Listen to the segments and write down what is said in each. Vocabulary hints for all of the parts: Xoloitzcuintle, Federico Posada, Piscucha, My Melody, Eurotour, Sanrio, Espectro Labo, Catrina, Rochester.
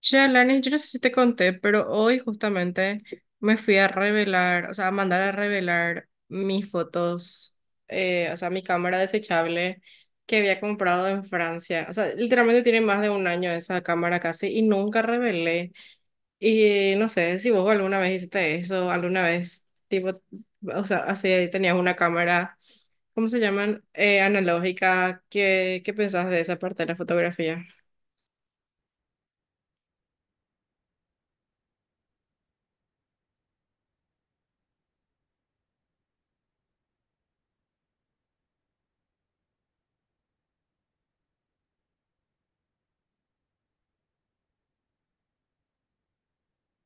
Che, Alanis, yo no sé si te conté, pero hoy justamente me fui a revelar, o sea, a mandar a revelar mis fotos, o sea, mi cámara desechable que había comprado en Francia. O sea, literalmente tiene más de un año esa cámara casi y nunca revelé. Y no sé si vos alguna vez hiciste eso, alguna vez, tipo, o sea, así tenías una cámara, ¿cómo se llaman? Analógica. ¿Qué pensás de esa parte de la fotografía?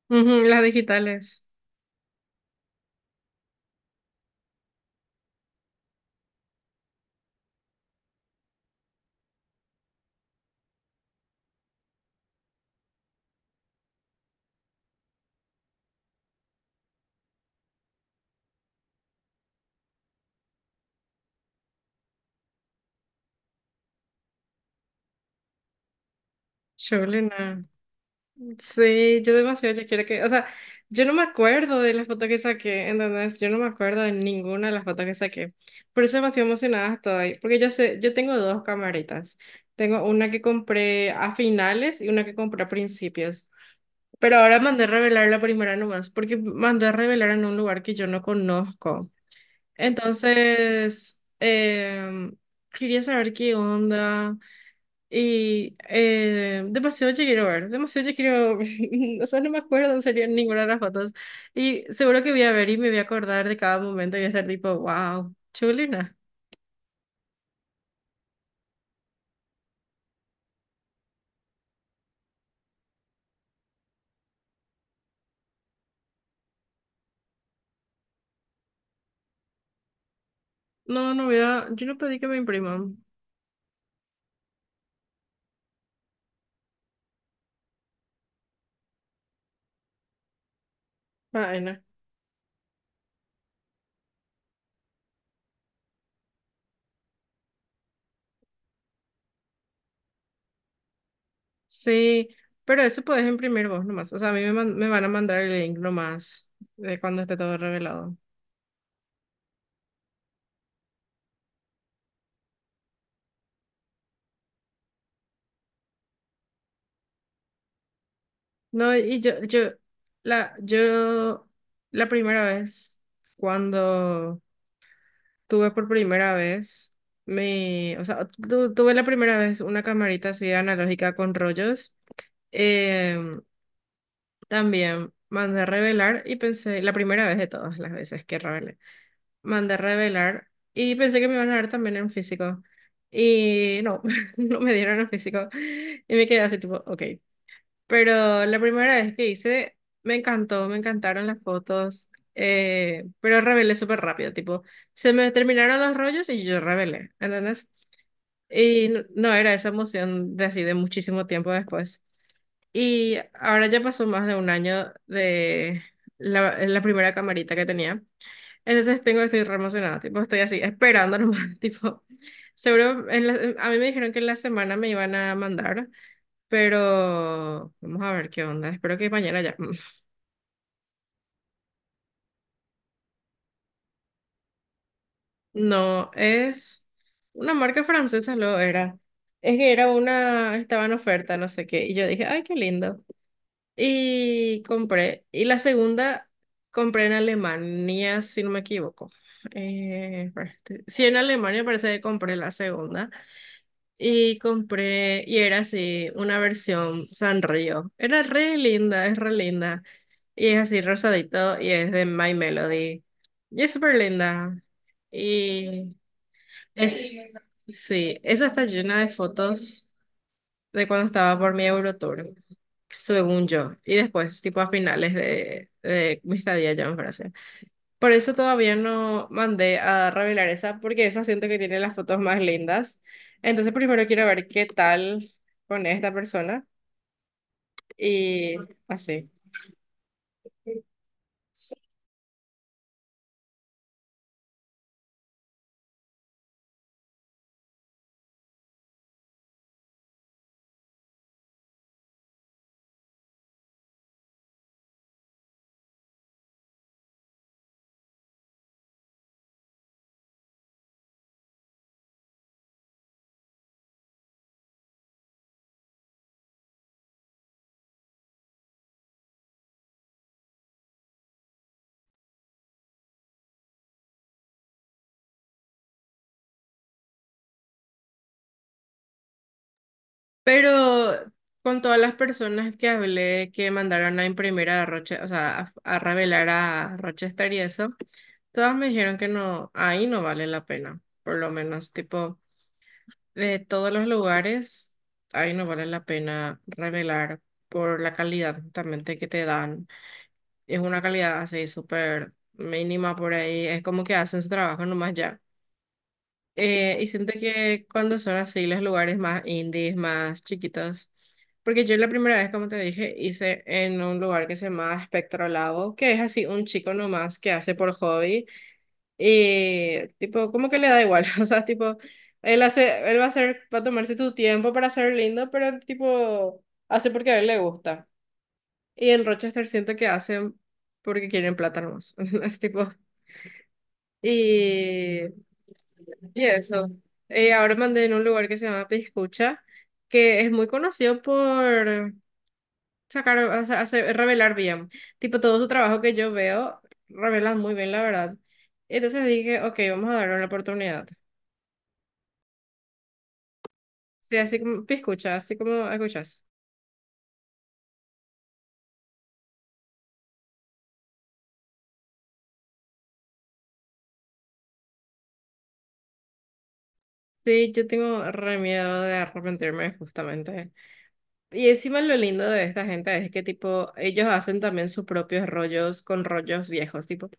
Ujú, las digitales. Chulina. Sí, yo demasiado ya quiero que, o sea, yo no me acuerdo de las fotos que saqué, ¿entendés? Yo no me acuerdo de ninguna de las fotos que saqué. Por eso demasiado emocionada estoy, porque yo sé, yo tengo dos camaritas. Tengo una que compré a finales y una que compré a principios. Pero ahora mandé a revelar la primera nomás, porque mandé a revelar en un lugar que yo no conozco. Entonces, quería saber qué onda. Y demasiado ya quiero ver, demasiado ya quiero, o sea, no me acuerdo en serio ninguna de las fotos. Y seguro que voy a ver y me voy a acordar de cada momento y voy a ser tipo, wow, chulina. No, no voy a, yo no pedí que me impriman. Vaina. Sí, pero eso puedes imprimir vos nomás. O sea, a mí me, man- me van a mandar el link nomás de cuando esté todo revelado. No, y yo, la primera vez cuando Tuve por primera vez, me, o sea, tuve la primera vez una camarita así analógica con rollos. Em, También mandé a revelar y pensé, la primera vez de todas las veces que revelé, mandé a revelar y pensé que me iban a dar también en físico. Y no, no me dieron en físico. Y me quedé así tipo, ok. Pero la primera vez que hice, me encantó, me encantaron las fotos, pero rebelé súper rápido, tipo, se me terminaron los rollos y yo rebelé, ¿entendés? Y no, era esa emoción de así de muchísimo tiempo después. Y ahora ya pasó más de un año de la primera camarita que tenía. Entonces tengo, estoy re emocionada, tipo, estoy así, esperando nomás, tipo, seguro, a mí me dijeron que en la semana me iban a mandar pero vamos a ver qué onda. Espero que mañana ya. No, es una marca francesa, lo era. Es que era una, estaba en oferta, no sé qué. Y yo dije, ay, qué lindo. Y compré. Y la segunda compré en Alemania, si no me equivoco. Espera, sí, en Alemania parece que compré la segunda. Y compré, y era así, una versión Sanrio. Era re linda, es re linda. Y es así rosadito y es de My Melody. Y es súper linda. Y es, sí, esa está llena de fotos de cuando estaba por mi Eurotour, según yo. Y después, tipo a finales de mi estadía ya en Francia. Por eso todavía no mandé a revelar esa, porque esa siento que tiene las fotos más lindas. Entonces primero quiero ver qué tal con esta persona y así. Pero con todas las personas que hablé que mandaron a imprimir a Roche, o sea, a revelar a Rochester y eso, todas me dijeron que no, ahí no vale la pena. Por lo menos, tipo, de todos los lugares, ahí no vale la pena revelar por la calidad justamente que te dan. Es una calidad así súper mínima por ahí. Es como que hacen su trabajo nomás ya. Y siento que cuando son así los lugares más indies, más chiquitos. Porque yo la primera vez, como te dije, hice en un lugar que se llama Espectro Labo, que es así un chico nomás que hace por hobby. Y tipo, como que le da igual. O sea, tipo, él hace, él va a hacer, va a tomarse su tiempo para ser lindo, pero tipo, hace porque a él le gusta. Y en Rochester siento que hacen porque quieren plata nomás. Es tipo. Y, y eso. Ahora mandé en un lugar que se llama Piscucha, que es muy conocido por sacar, o sea, revelar bien. Tipo, todo su trabajo que yo veo, revelan muy bien, la verdad. Entonces dije, ok, vamos a darle una oportunidad. Sí, así como Piscucha, así como escuchas. Sí, yo tengo re miedo de arrepentirme, justamente. Y encima lo lindo de esta gente es que tipo, ellos hacen también sus propios rollos con rollos viejos, tipo,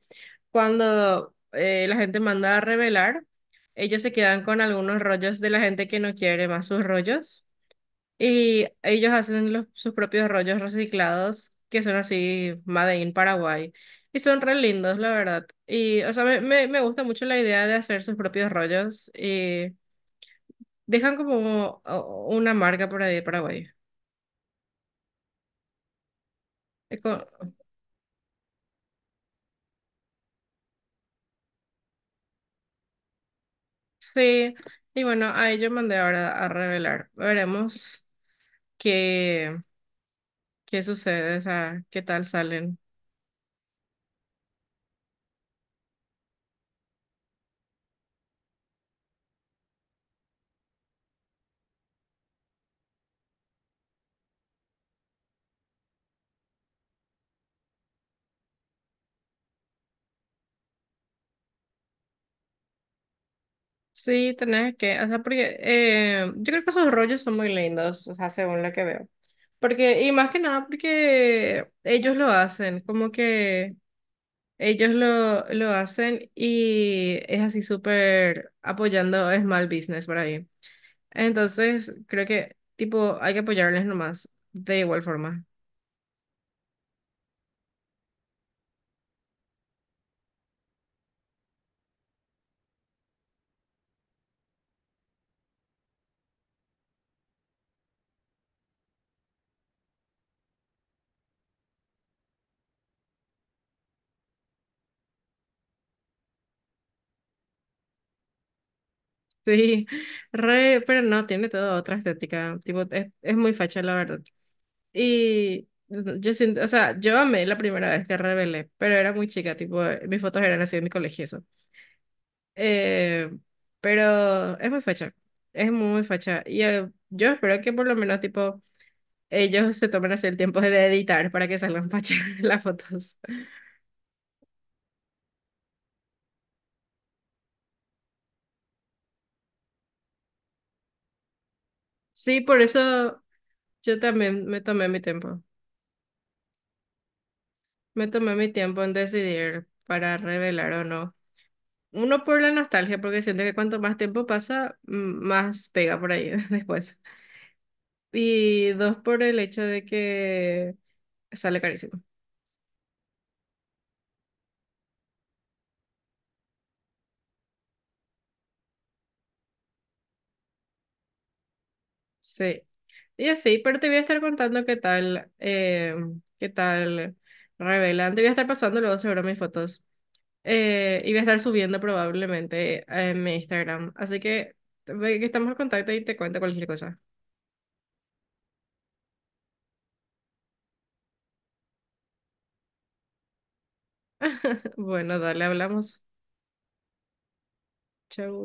cuando la gente manda a revelar, ellos se quedan con algunos rollos de la gente que no quiere más sus rollos y ellos hacen los, sus propios rollos reciclados que son así Made in Paraguay y son re lindos, la verdad. Y, o sea, me gusta mucho la idea de hacer sus propios rollos y dejan como una marca por ahí de Paraguay. Sí, y bueno, ahí yo mandé ahora a revelar. Veremos qué, qué sucede, o sea, qué tal salen. Sí, tenés que, o sea, porque yo creo que esos rollos son muy lindos, o sea, según lo que veo. Porque, y más que nada porque ellos lo hacen, como que ellos lo hacen y es así súper apoyando small business por ahí. Entonces, creo que, tipo, hay que apoyarles nomás, de igual forma. Sí, re, pero no, tiene toda otra estética, tipo, es muy facha la verdad. Y yo siento, o sea, yo amé la primera vez que rebelé, pero era muy chica, tipo, mis fotos eran así de mi colegio, y eso. Eh, pero es muy facha, es muy facha. Y yo espero que por lo menos, tipo, ellos se tomen así el tiempo de editar para que salgan fachas las fotos. Sí, por eso yo también me tomé mi tiempo, me tomé mi tiempo en decidir para revelar o no. Uno por la nostalgia, porque siento que cuanto más tiempo pasa, más pega por ahí después. Y dos por el hecho de que sale carísimo. Sí. Y así, pero te voy a estar contando qué tal revelan. Te voy a estar pasando luego seguro mis fotos. Y voy a estar subiendo probablemente en mi Instagram. Así que, ve que estamos en contacto y te cuento cualquier cosa. Bueno, dale, hablamos. Chau.